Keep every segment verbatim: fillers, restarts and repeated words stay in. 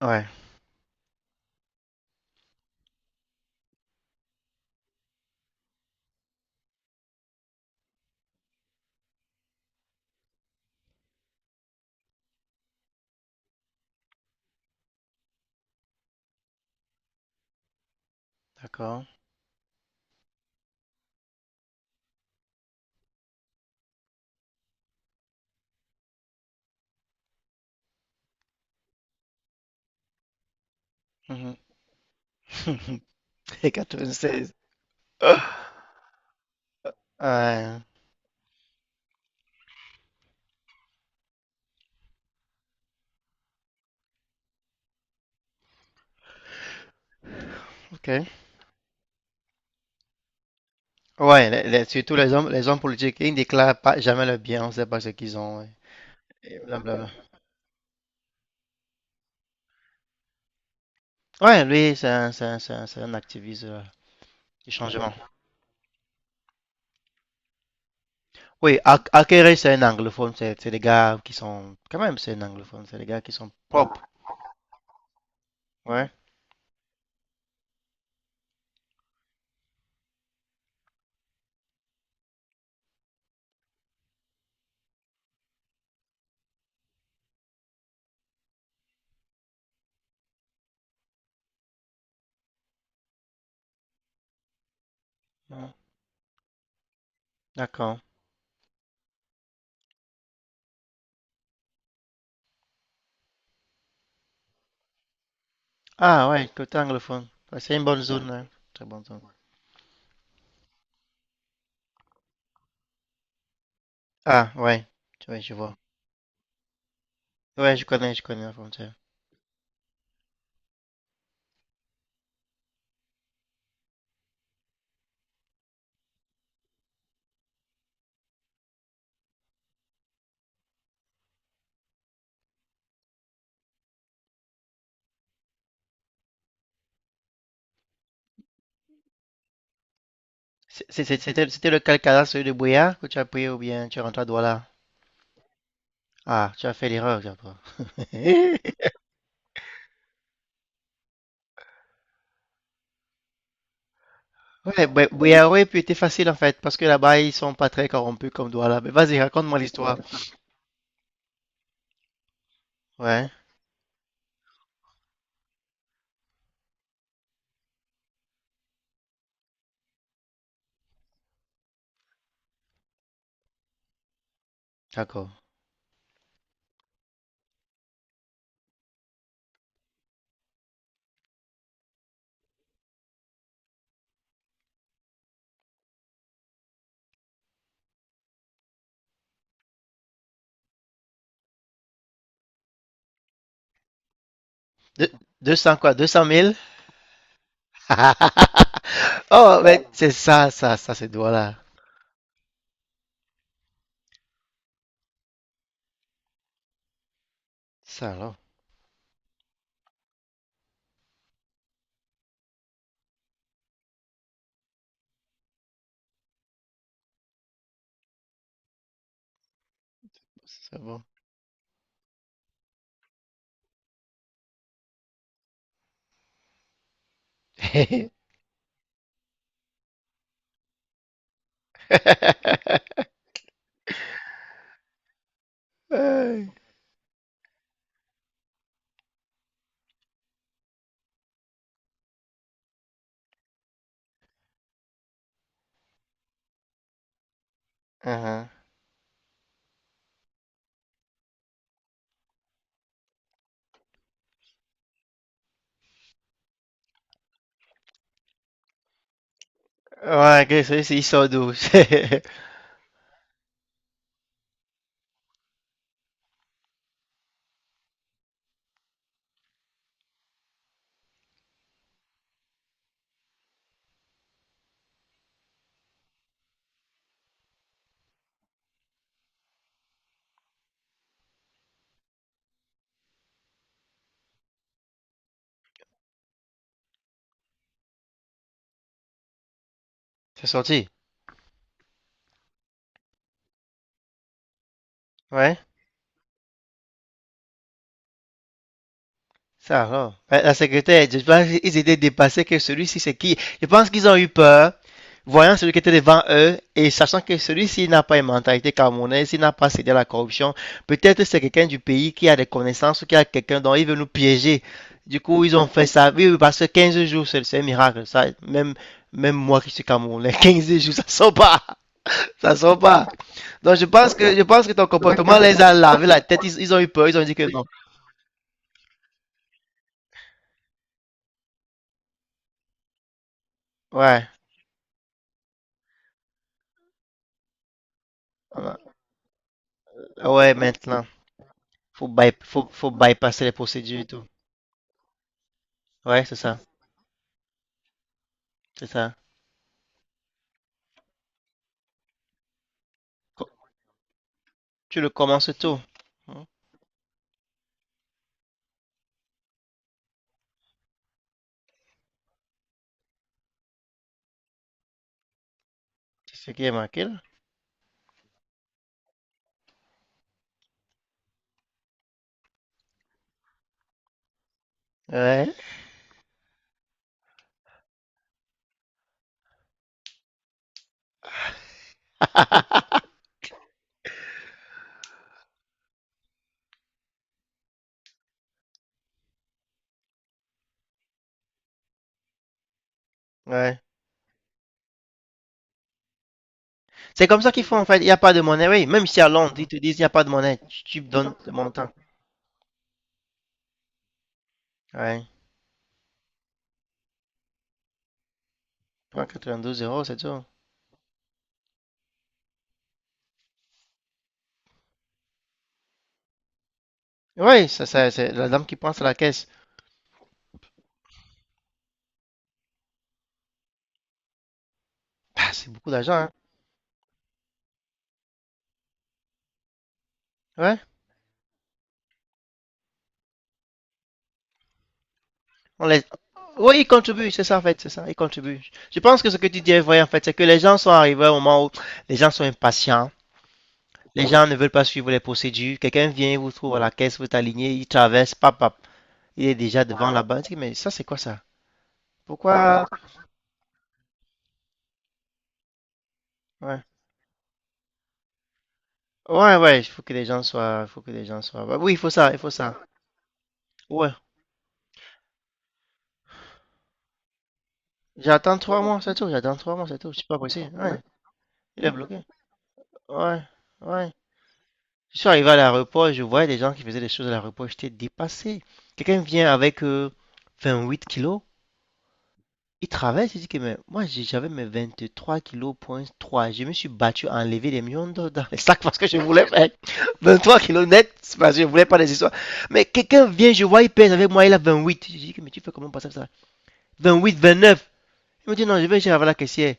Ouais, d'accord. Mhm. quatre-vingt-seize. Ouais, ok. Ouais, les- les- surtout les hommes, les hommes politiques, ils ne déclarent pas jamais le bien, on ne sait pas ce qu'ils ont. Ouais, et blablabla. Ouais, lui, c'est un, c'est un- c'est un- c'est un activiste euh, du changement. Oui, Ak- Akere, c'est un anglophone, c'est c'est des gars qui sont. Quand même, c'est un anglophone, c'est des gars qui sont. Ouais, ouais, d'accord. Ah, ouais, côté anglophone. Ouais, c'est une bonne zone, hein. Très bonne zone. Ah, ouais, tu vois, je vois. Ouais, je connais, je connais la frontière. C'est- c'est- C'était c'était le Calcada, celui de Boyard, que tu as pris ou bien tu es rentré à Douala? Ah, tu as fait l'erreur, j'ai pas. Ouais, Boy- Boyard aurait pu être facile en fait, parce que là-bas ils sont pas très corrompus comme Douala. Mais vas-y, raconte-moi l'histoire. Ouais, d'accord. De- Deux- 200 quoi? Deux cent mille. Oh, mais c'est ça, ça, ça, c'est Douala. Ça alors, c'est bon. Ouais, uh-huh. Ouais, ok, celui-ci il sort d'où? C'est sorti? Ouais. Ça va. La secrétaire, je pense qu'ils étaient dépassés que celui-ci, c'est qui. Je pense qu'ils ont eu peur, voyant celui qui était devant eux et sachant que celui-ci n'a pas une mentalité camerounaise, il n'a pas cédé à la corruption. Peut-être c'est quelqu'un du pays qui a des connaissances ou qui a quelqu'un dont il veut nous piéger. Du coup, ils ont fait ça. Oui, oui, parce que quinze jours, c'est un miracle. Ça, même, même moi qui suis camerounais, quinze jours, ça sort pas. Ça sort pas. Donc, je pense que, je pense que ton comportement les a lavé la tête. Ils, ils ont eu peur. Ils ont dit que non. Ouais. Ouais, maintenant. Faut by- faut, faut bypasser les procédures et tout. Ouais, c'est ça. C'est ça. Co- Tu le commences tout. Hein, c'est ce qui est marqué là. Ouais. Ouais. C'est comme ça qu'ils font en fait. Il n'y a pas de monnaie. Oui, même si à Londres, ils te disent il n'y a pas de monnaie. Tu, tu me donnes le montant. Ouais. Tu prends quatre-vingt-douze euros, c'est tout. Oui, ça, ça, c'est la dame qui prend c'est la caisse. Bah, c'est beaucoup d'argent. Hein. Ouais. On les... Oui, ils contribuent, c'est ça en fait, c'est ça, ils contribuent. Je pense que ce que tu dis est vrai en fait, c'est que les gens sont arrivés au moment où les gens sont impatients. Les gens ne veulent pas suivre les procédures. Quelqu'un vient, vous trouve à la caisse, vous êtes aligné, il traverse, pap, pap. Il est déjà devant la banque. Mais ça, c'est quoi ça? Pourquoi? Ouais. Ouais, ouais, il faut que les gens soient, il faut que les gens soient. Ouais, oui, il faut ça, il faut ça. Ouais. J'attends trois mois, c'est tout. J'attends trois mois, c'est tout. Je suis pas pressé. Ouais. Il est bloqué. Ouais. Ouais. Je suis arrivé à l'aéroport, je voyais des gens qui faisaient des choses à l'aéroport. J'étais dépassé. Quelqu'un vient avec euh, huit kilos. Il travaille, c'est-à-dire que mais moi j'ai- j'avais mes vingt-trois kilos point trois. Je me suis battu à enlever les millions d'or dans les sacs parce que je voulais faire trois kilos net c'est parce que je voulais pas des histoires. Mais quelqu'un vient, je vois, il pèse avec moi, il a vingt-huit. Je dis que mais tu fais comment passer ça? Vingt-huit, vingt-neuf. Il me dit non, je vais chez la caissière.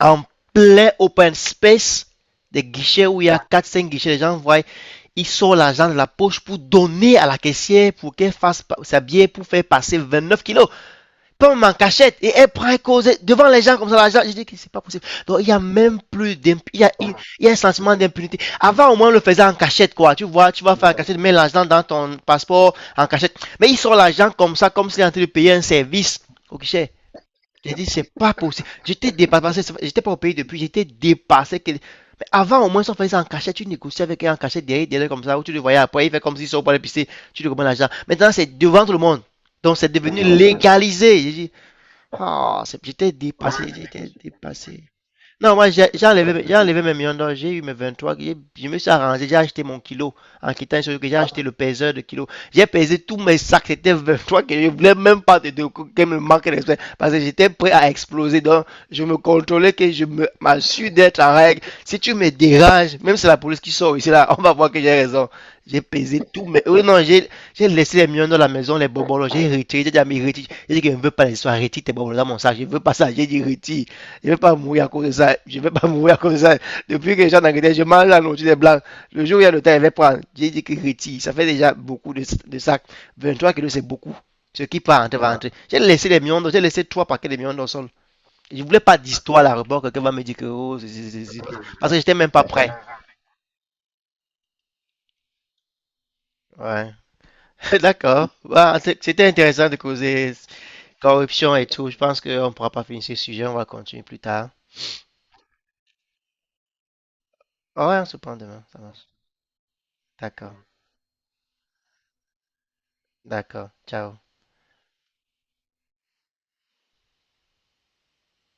En plein open space, des guichets où il y a quatre cinq guichets, les gens voient, ils sortent l'argent de la poche pour donner à la caissière pour qu'elle fasse sa bière pour faire passer vingt-neuf kilos pomme en cachette et elle prend et cause devant les gens comme ça. Gens, je dis que c'est pas possible. Donc il y a même plus d'impunité. Il, y a- il- y a un sentiment d'impunité. Avant au moins on le faisait en cachette quoi. Tu vois, tu vas faire en cachette, mets l'argent dans ton passeport en cachette. Mais ils sortent l'argent comme ça, comme s'il est en train de payer un service au guichet. J'ai dit c'est pas possible. J'étais dépassé. J'étais pas au pays depuis. J'étais dépassé. que- Mais avant au moins si on faisait ça en cachette. Tu négociais avec elle en cachette derrière, derrière comme ça. Où tu le voyais après, il fait comme s'il sort pour l'épicerie. Tu lui commandes l'argent. Maintenant c'est devant tout le monde. Donc c'est devenu légalisé. Ah, c'est- j'étais dépassé, j'étais dépassé. Non, moi, j'ai j'ai enlevé, j'ai enlevé mes millions d'or, j'ai eu mes vingt-trois, j'ai- je me suis arrangé, j'ai acheté mon kilo. En quittant sur que j'ai acheté le peseur de kilo. J'ai pesé tous mes sacs, c'était vingt-trois que je voulais même pas te dire que me manque de respect. Parce que j'étais prêt à exploser, donc je me contrôlais que je me- m'assure d'être en règle. Si tu me déranges, même si c'est la police qui sort ici, là, on va voir que j'ai raison. J'ai pesé tout, mais oui, non, j'ai j'ai laissé les miens dans la maison, les bonbons, j'ai retiré, j'ai dit à mes retire. J'ai dit que je ne veux pas les soins, retire tes bonbons dans mon sac, je ne veux pas ça, j'ai dit retire. Je ne veux pas mourir à cause de ça, je ne veux pas mourir à cause de ça. Depuis que les gens d'Angleterre, je mange la nourriture des blancs. Le jour où il y a le temps, je va prendre. J'ai dit que retire, ça fait déjà beaucoup de, de sacs. Trois kilos, c'est beaucoup. Ce qui part rentrer, va rentrer. J'ai laissé les mions j'ai laissé trois paquets de mions dans le sol. Je ne voulais pas d'histoire là, rebord, quelqu'un va me dire que oh, c'est, c'est, c'est, c'est. Parce que j'étais même pas prêt. Ouais. D'accord. Bah, c'est- c'était intéressant de causer corruption et tout. Je pense qu'on ne pourra pas finir ce sujet. On va continuer plus tard. Ah ouais, on se prend demain. Ça marche. D'accord. D'accord. Ciao.